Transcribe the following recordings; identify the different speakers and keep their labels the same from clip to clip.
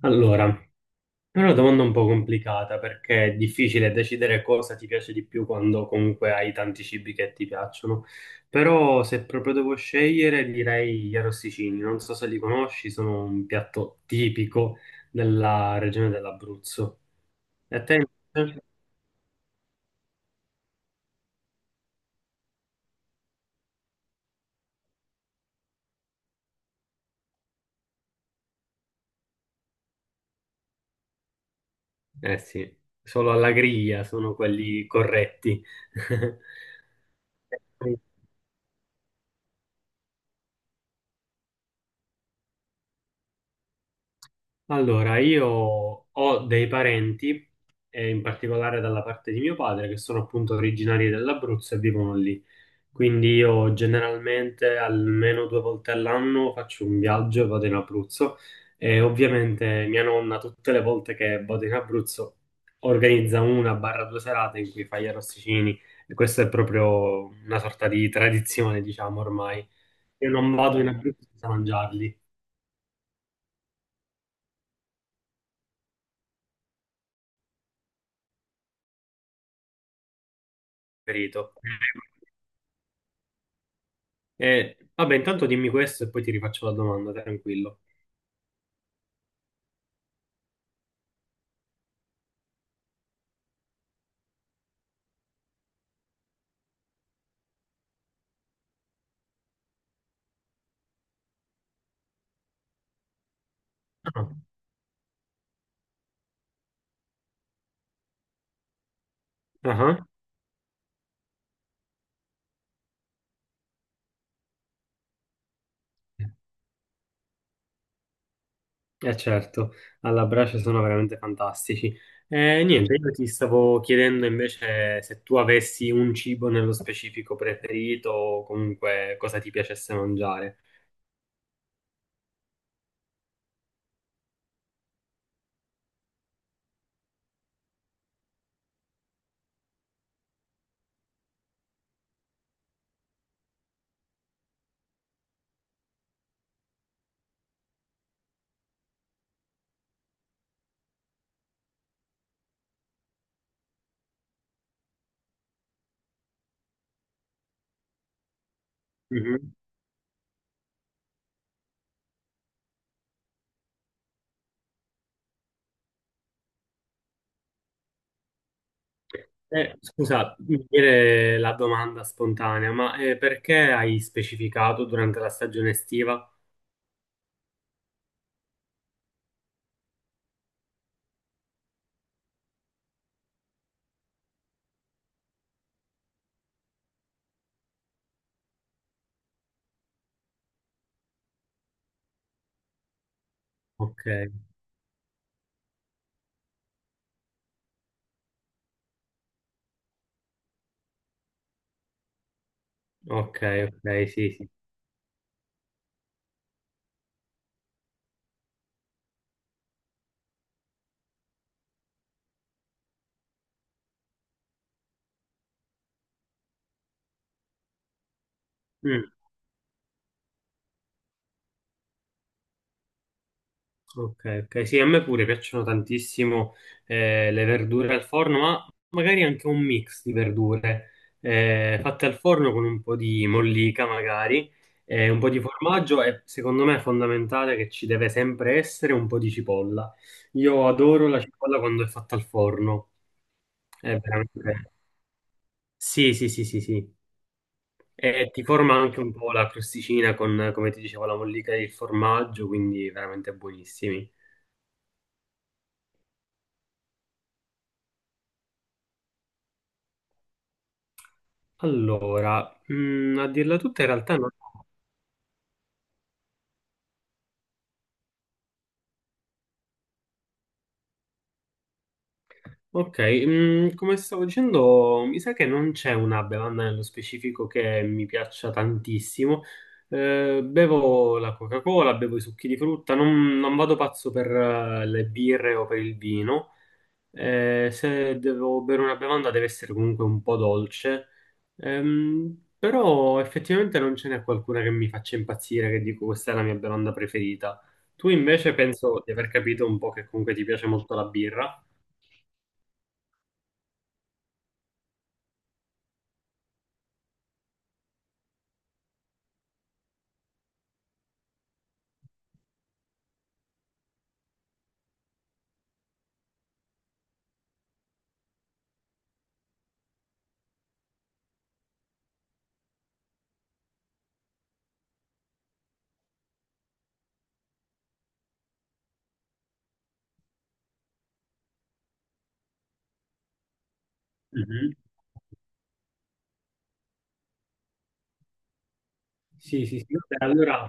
Speaker 1: Allora, è una domanda un po' complicata perché è difficile decidere cosa ti piace di più quando comunque hai tanti cibi che ti piacciono. Però se proprio devo scegliere direi gli arrosticini. Non so se li conosci, sono un piatto tipico della regione dell'Abruzzo. E a te invece? Eh sì, solo alla griglia sono quelli corretti. Allora, io ho dei parenti, in particolare dalla parte di mio padre, che sono appunto originari dell'Abruzzo e vivono lì. Quindi io generalmente almeno 2 volte all'anno faccio un viaggio e vado in Abruzzo. E ovviamente mia nonna, tutte le volte che vado in Abruzzo, organizza una barra due serate in cui fa gli arrosticini. E questa è proprio una sorta di tradizione, diciamo ormai. Io non vado in Abruzzo senza mangiarli, perito. Vabbè, intanto dimmi questo e poi ti rifaccio la domanda, tranquillo. Ah. Ah. Eh certo, alla brace sono veramente fantastici. Niente, io ti stavo chiedendo invece se tu avessi un cibo nello specifico preferito o comunque cosa ti piacesse mangiare. Mhm. Scusa, mi viene la domanda spontanea, ma perché hai specificato durante la stagione estiva? Ok, ok, ok, sì, sì. Mm. Ok, ok, sì, a me pure piacciono tantissimo le verdure al forno, ma magari anche un mix di verdure fatte al forno con un po' di mollica magari, un po' di formaggio e secondo me è fondamentale che ci deve sempre essere un po' di cipolla. Io adoro la cipolla quando è fatta al forno, è veramente... Sì, sì, sì, sì, sì. E ti forma anche un po' la crosticina con, come ti dicevo, la mollica e il formaggio, quindi veramente buonissimi. Allora, a dirla tutta in realtà no. Ok, come stavo dicendo, mi sa che non c'è una bevanda nello specifico che mi piaccia tantissimo. Bevo la Coca-Cola, bevo i succhi di frutta, non vado pazzo per le birre o per il vino. Se devo bere una bevanda deve essere comunque un po' dolce. Però effettivamente non ce n'è qualcuna che mi faccia impazzire, che dico questa è la mia bevanda preferita. Tu invece penso di aver capito un po' che comunque ti piace molto la birra. Mhm. Sì, sì, sì. Vabbè, allora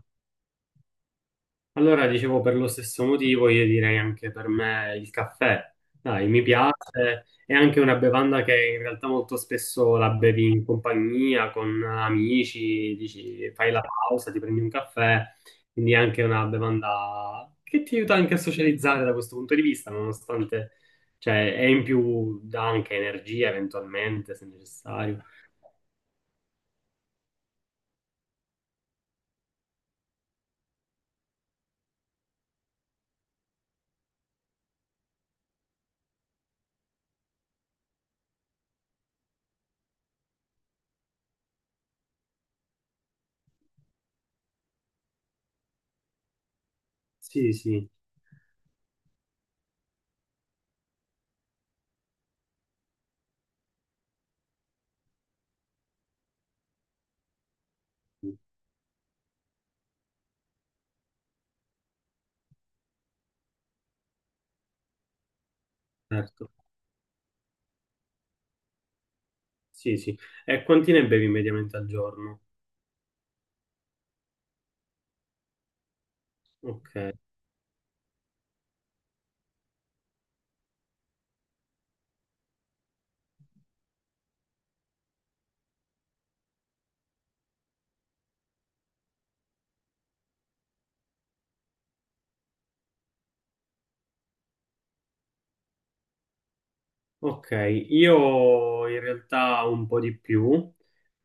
Speaker 1: allora, dicevo, per lo stesso motivo, io direi anche per me il caffè. Dai, mi piace, è anche una bevanda che in realtà molto spesso la bevi in compagnia, con amici, dici, fai la pausa, ti prendi un caffè, quindi è anche una bevanda che ti aiuta anche a socializzare da questo punto di vista, nonostante, cioè, è in più, dà anche energia eventualmente, se necessario. Sì, sì, certo, sì, sì. E quanti ne bevi mediamente al giorno? Ok. Ok, io in realtà un po' di più,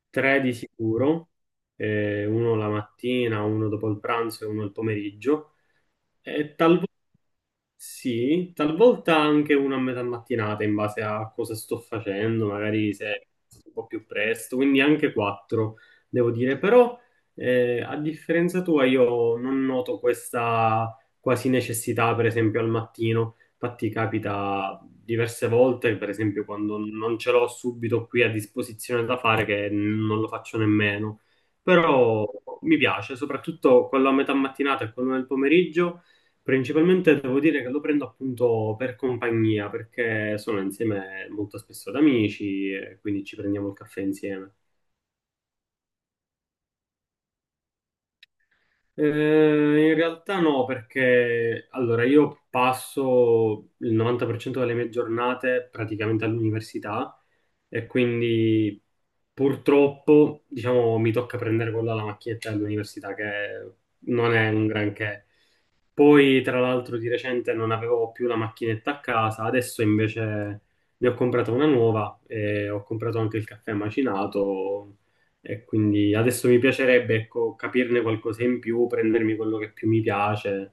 Speaker 1: tre di sicuro, uno la mattina, uno dopo il pranzo e uno il pomeriggio. E talvolta sì, talvolta anche una a metà mattinata in base a cosa sto facendo, magari se è un po' più presto, quindi anche quattro, devo dire, però a differenza tua io non noto questa quasi necessità, per esempio al mattino. Infatti capita diverse volte, per esempio quando non ce l'ho subito qui a disposizione da fare, che non lo faccio nemmeno, però mi piace, soprattutto quello a metà mattinata e quello nel pomeriggio. Principalmente devo dire che lo prendo appunto per compagnia, perché sono insieme molto spesso ad amici e quindi ci prendiamo il caffè insieme. Eh, in realtà no, perché allora io passo il 90% delle mie giornate praticamente all'università e quindi purtroppo, diciamo, mi tocca prendere quella la macchinetta dell'università che non è un granché. Poi, tra l'altro, di recente non avevo più la macchinetta a casa, adesso invece ne ho comprata una nuova e ho comprato anche il caffè macinato e quindi adesso mi piacerebbe, ecco, capirne qualcosa in più, prendermi quello che più mi piace.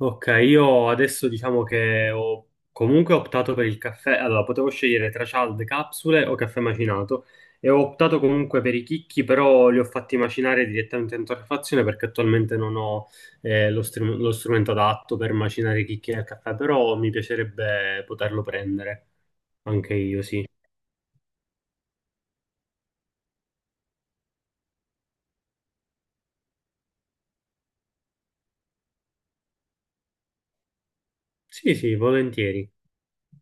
Speaker 1: Ok, io adesso diciamo che ho comunque optato per il caffè. Allora, potevo scegliere tra cialde, capsule o caffè macinato e ho optato comunque per i chicchi, però li ho fatti macinare direttamente in torrefazione perché attualmente non ho lo strumento adatto per macinare i chicchi nel caffè, però mi piacerebbe poterlo prendere anche io, sì. Sì, sì, volentieri.